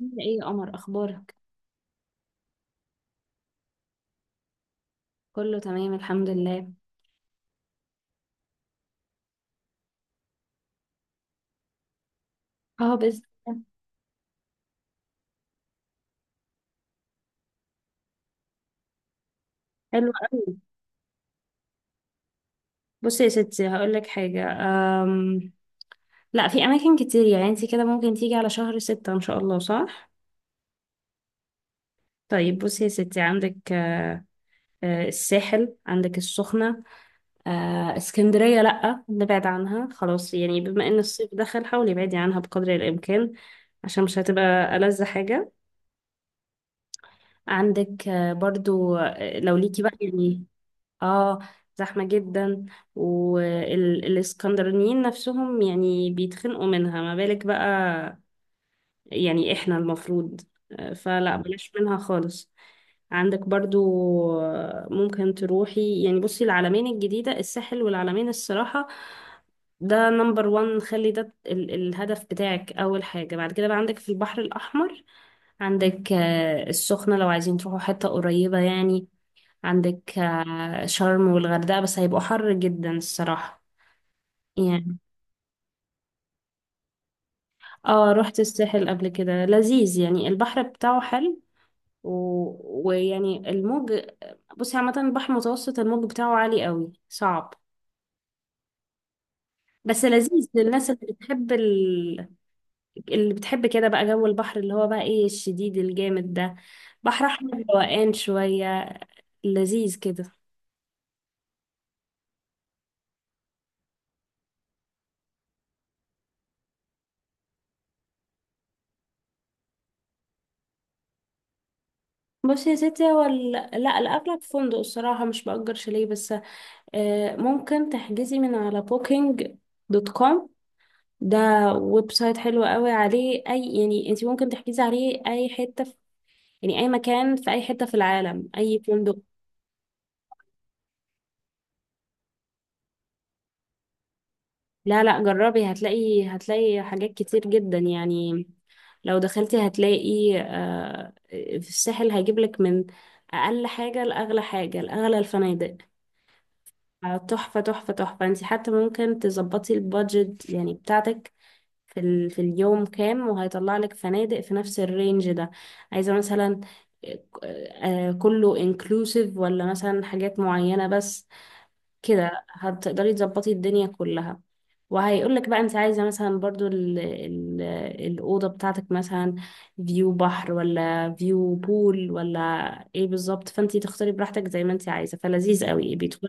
عاملة ايه يا قمر، اخبارك؟ كله تمام، الحمد لله. اه بس. حلو قوي. بصي يا ستي هقول لك حاجه. أم... لا، في اماكن كتير، يعني انت كده ممكن تيجي على شهر ستة ان شاء الله، صح؟ طيب بصي يا ستي، عندك الساحل، عندك السخنه، اسكندريه لا نبعد عنها خلاص، يعني بما ان الصيف دخل حاولي ابعدي عنها بقدر الامكان، عشان مش هتبقى ألذ حاجة. عندك برضو لو ليكي بقى يعني. اه، زحمة جدا، والاسكندرانيين نفسهم يعني بيتخنقوا منها، ما بالك بقى. يعني احنا المفروض فلا بلاش منها خالص. عندك برضو ممكن تروحي يعني. بصي العلمين الجديدة، الساحل والعلمين الصراحة ده نمبر وان، خلي ده الهدف بتاعك أول حاجة. بعد كده بقى عندك في البحر الأحمر، عندك السخنة لو عايزين تروحوا حتة قريبة يعني. عندك شرم والغردقة، بس هيبقوا حر جدا الصراحة يعني. اه رحت الساحل قبل كده، لذيذ يعني، البحر بتاعه حلو و... ويعني الموج. بصي عامة البحر المتوسط الموج بتاعه عالي قوي، صعب بس لذيذ للناس اللي بتحب ال... اللي بتحب كده بقى جو البحر اللي هو بقى ايه، الشديد الجامد ده. بحر احمر روقان شوية، لذيذ كده. بصي يا ستي هو لا الأغلب فندق الصراحة، مش بأجر شاليه بس. ممكن تحجزي من على بوكينج دوت كوم، ده ويب سايت حلو قوي عليه، اي يعني انت ممكن تحجزي عليه اي حته في، يعني اي مكان في اي حته في العالم، اي فندق. لا لا جربي، هتلاقي هتلاقي حاجات كتير جدا يعني. لو دخلتي هتلاقي في الساحل هيجيب لك من اقل حاجه لاغلى حاجه، لاغلى الفنادق تحفه تحفه تحفه. انت حتى ممكن تظبطي البادجت يعني بتاعتك في ال... في اليوم كام، وهيطلع لك فنادق في نفس الرينج ده. عايزة مثلا كله انكلوسيف ولا مثلا حاجات معينة بس. كده هتقدري تظبطي الدنيا كلها. وهيقولك بقى انت عايزة مثلا برضو ال الأوضة بتاعتك، مثلا فيو بحر ولا فيو بول ولا ايه بالظبط، فانت تختاري براحتك زي ما انت عايزة، فلذيذ قوي بيدخل.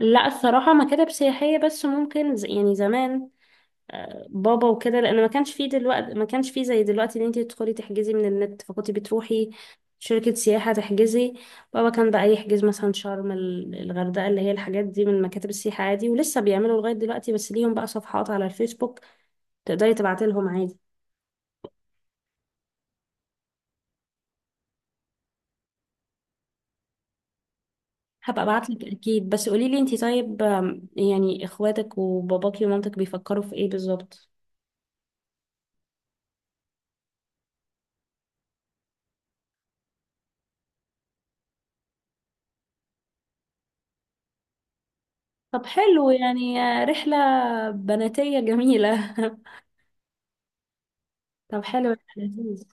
لا الصراحة مكاتب سياحية بس، ممكن يعني زمان بابا وكده، لان ما كانش فيه دلوقتي، ما كانش فيه زي دلوقتي ان انت تدخلي تحجزي من النت، فكنت بتروحي شركة سياحة تحجزي. بابا كان بقى يحجز مثلا شرم الغردقة، اللي هي الحاجات دي، من مكاتب السياحة عادي. ولسه بيعملوا لغاية دلوقتي، بس ليهم بقى صفحات على الفيسبوك تقدري تبعتي لهم عادي. هبقى ابعتلك اكيد، بس قولي لي انت طيب يعني اخواتك وباباكي ومامتك بيفكروا في ايه بالظبط. طب حلو يعني رحلة بناتية جميلة طب حلو لذيذ.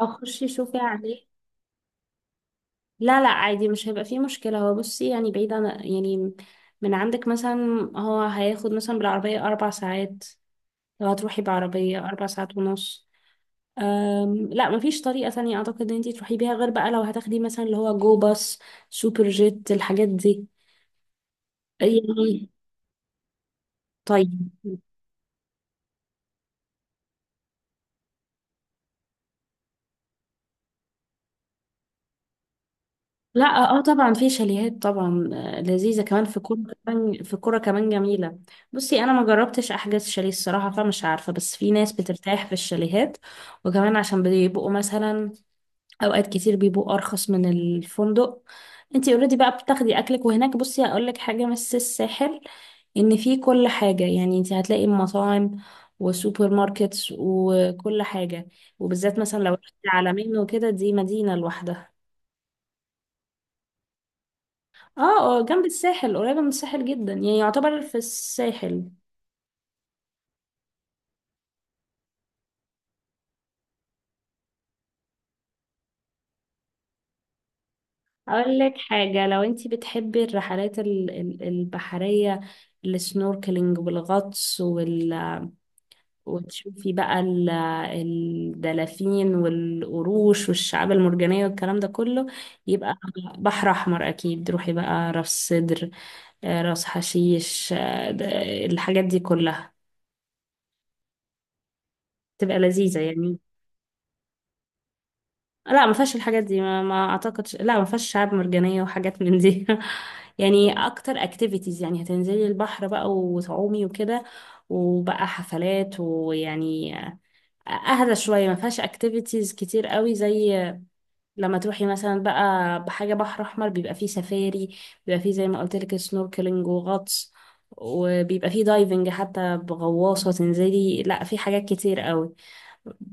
اخشي شوفي عليه. لا لا عادي مش هيبقى فيه مشكلة. هو بصي يعني بعيد عن، يعني من عندك مثلا، هو هياخد مثلا بالعربية أربع ساعات، لو هتروحي بعربية أربع ساعات ونص. لا مفيش طريقة تانية أعتقد إن انتي تروحي بيها، غير بقى لو هتاخدي مثلا اللي هو جو باص، سوبر جيت الحاجات دي يعني. طيب. لا اه طبعا في شاليهات طبعا لذيذه كمان في كوره، كمان في كوره كمان جميله. بصي انا ما جربتش احجز شاليه الصراحه، فمش عارفه، بس في ناس بترتاح في الشاليهات. وكمان عشان بيبقوا مثلا اوقات كتير بيبقوا ارخص من الفندق. انتي اوريدي بقى بتاخدي اكلك، وهناك بصي هقول لك حاجه، بس الساحل ان في كل حاجه، يعني انتي هتلاقي مطاعم وسوبر ماركتس وكل حاجه، وبالذات مثلا لو رحتي على مينو وكده، دي مدينه لوحدها. اه. اه جنب الساحل، قريبة من الساحل جدا، يعني يعتبر في الساحل. اقول لك حاجة، لو انتي بتحبي الرحلات البحرية، السنوركلينج والغطس وال... وتشوفي بقى الدلافين والقروش والشعاب المرجانية والكلام ده كله، يبقى بحر أحمر أكيد. روحي بقى راس سدر راس حشيش، الحاجات دي كلها تبقى لذيذة يعني. لا ما فيهاش الحاجات دي، ما اعتقدش، لا ما فيهاش شعاب مرجانية وحاجات من دي. يعني اكتر اكتيفيتيز يعني هتنزلي البحر بقى وتعومي وكده، وبقى حفلات، ويعني اهدى شوية، ما فيهاش اكتيفيتيز كتير قوي زي لما تروحي مثلا بقى بحاجة بحر احمر. بيبقى فيه سفاري، بيبقى فيه زي ما قلت لك سنوركلينج وغطس، وبيبقى فيه دايفنج حتى بغواصة تنزلي، لا في حاجات كتير قوي،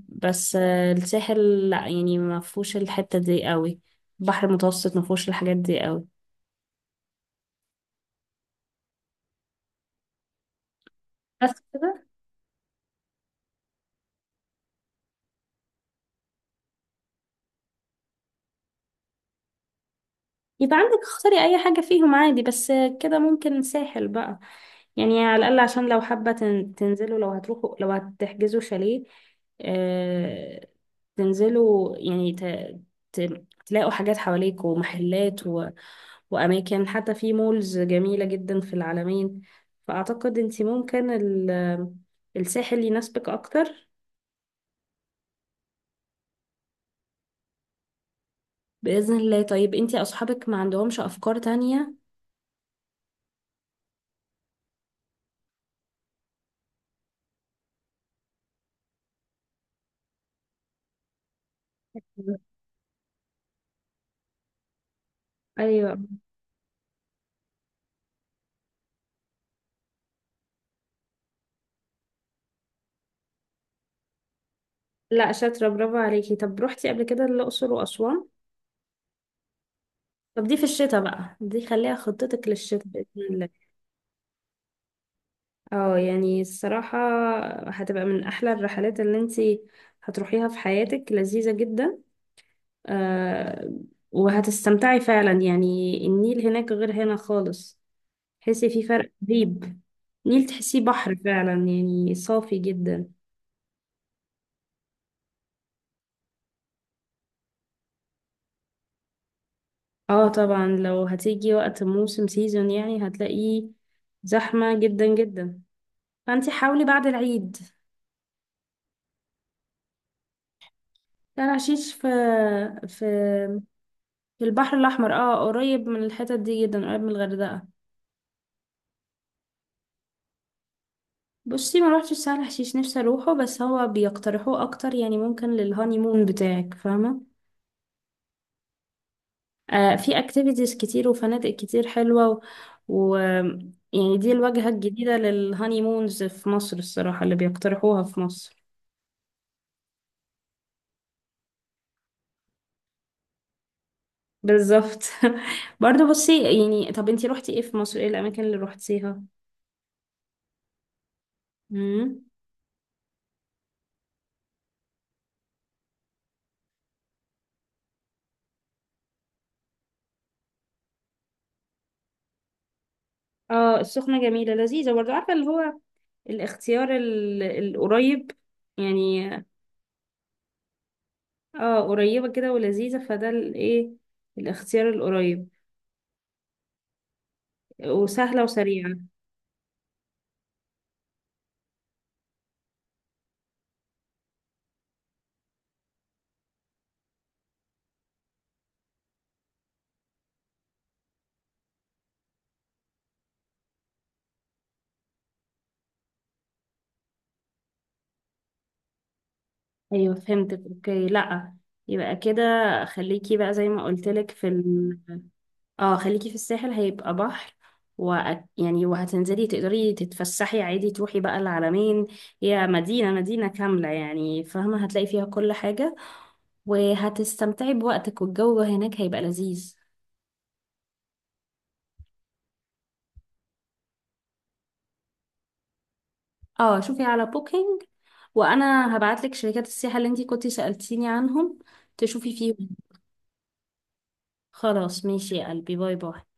بس الساحل لا يعني ما فيهوش الحتة دي قوي. البحر المتوسط ما فيهوش الحاجات دي قوي. بس كده يبقى عندك اختاري اي حاجة فيهم عادي. بس كده ممكن ساحل بقى يعني، على الاقل عشان لو حابة تنزلوا، لو هتروحوا لو هتحجزوا شاليه آه، تنزلوا يعني ت... ت... تلاقوا حاجات حواليك ومحلات و... وأماكن، حتى في مولز جميلة جدا في العالمين. فأعتقد أنت ممكن ال... الساحل يناسبك أكتر. بإذن الله. طيب أنت أصحابك ما عندهمش أفكار تانية؟ أيوة. لا شاطرة، برافو عليكي. طب روحتي قبل كده الأقصر وأسوان؟ طب دي في الشتاء بقى، دي خليها خطتك للشتاء بإذن الله. اه يعني الصراحة هتبقى من أحلى الرحلات اللي انتي هتروحيها في حياتك، لذيذة جدا آه. وهتستمتعي فعلا يعني، النيل هناك غير هنا خالص، تحسي في فرق رهيب. النيل تحسيه بحر فعلا يعني، صافي جدا. اه طبعا لو هتيجي وقت موسم سيزون يعني هتلاقيه زحمة جدا جدا، فانت حاولي بعد العيد. لا العشيش في في البحر الاحمر اه، قريب من الحتت دي جدا، قريب من الغردقه. بصي ما روحتش سهل حشيش، نفسي اروحه، بس هو بيقترحوه اكتر يعني، ممكن للهاني مون بتاعك فاهمه. آه في اكتيفيتيز كتير وفنادق كتير حلوه و يعني دي الواجهه الجديده للهاني مونز في مصر الصراحه، اللي بيقترحوها في مصر. بالظبط. برضه بصي يعني، طب انتي روحتي ايه في مصر، ايه الاماكن اللي روحتيها؟ امم. اه السخنة جميلة لذيذة برضه، عارفة اللي هو الاختيار القريب يعني. اه قريبة كده ولذيذة، فده الايه الاختيار القريب، وسهلة وسريعة. ايوه فهمتك اوكي. لا يبقى كده خليكي بقى زي ما قلتلك في ال... اه خليكي في الساحل هيبقى بحر، و يعني وهتنزلي تقدري تتفسحي عادي، تروحي بقى العلمين، هي مدينة مدينة كاملة يعني فاهمة، هتلاقي فيها كل حاجة، وهتستمتعي بوقتك والجو هناك هيبقى لذيذ. اه شوفي على بوكينج، وانا هبعتلك شركات السياحة اللي انتي كنتي سألتيني عنهم تشوفي فيهم. خلاص ماشي يا قلبي، باي باي.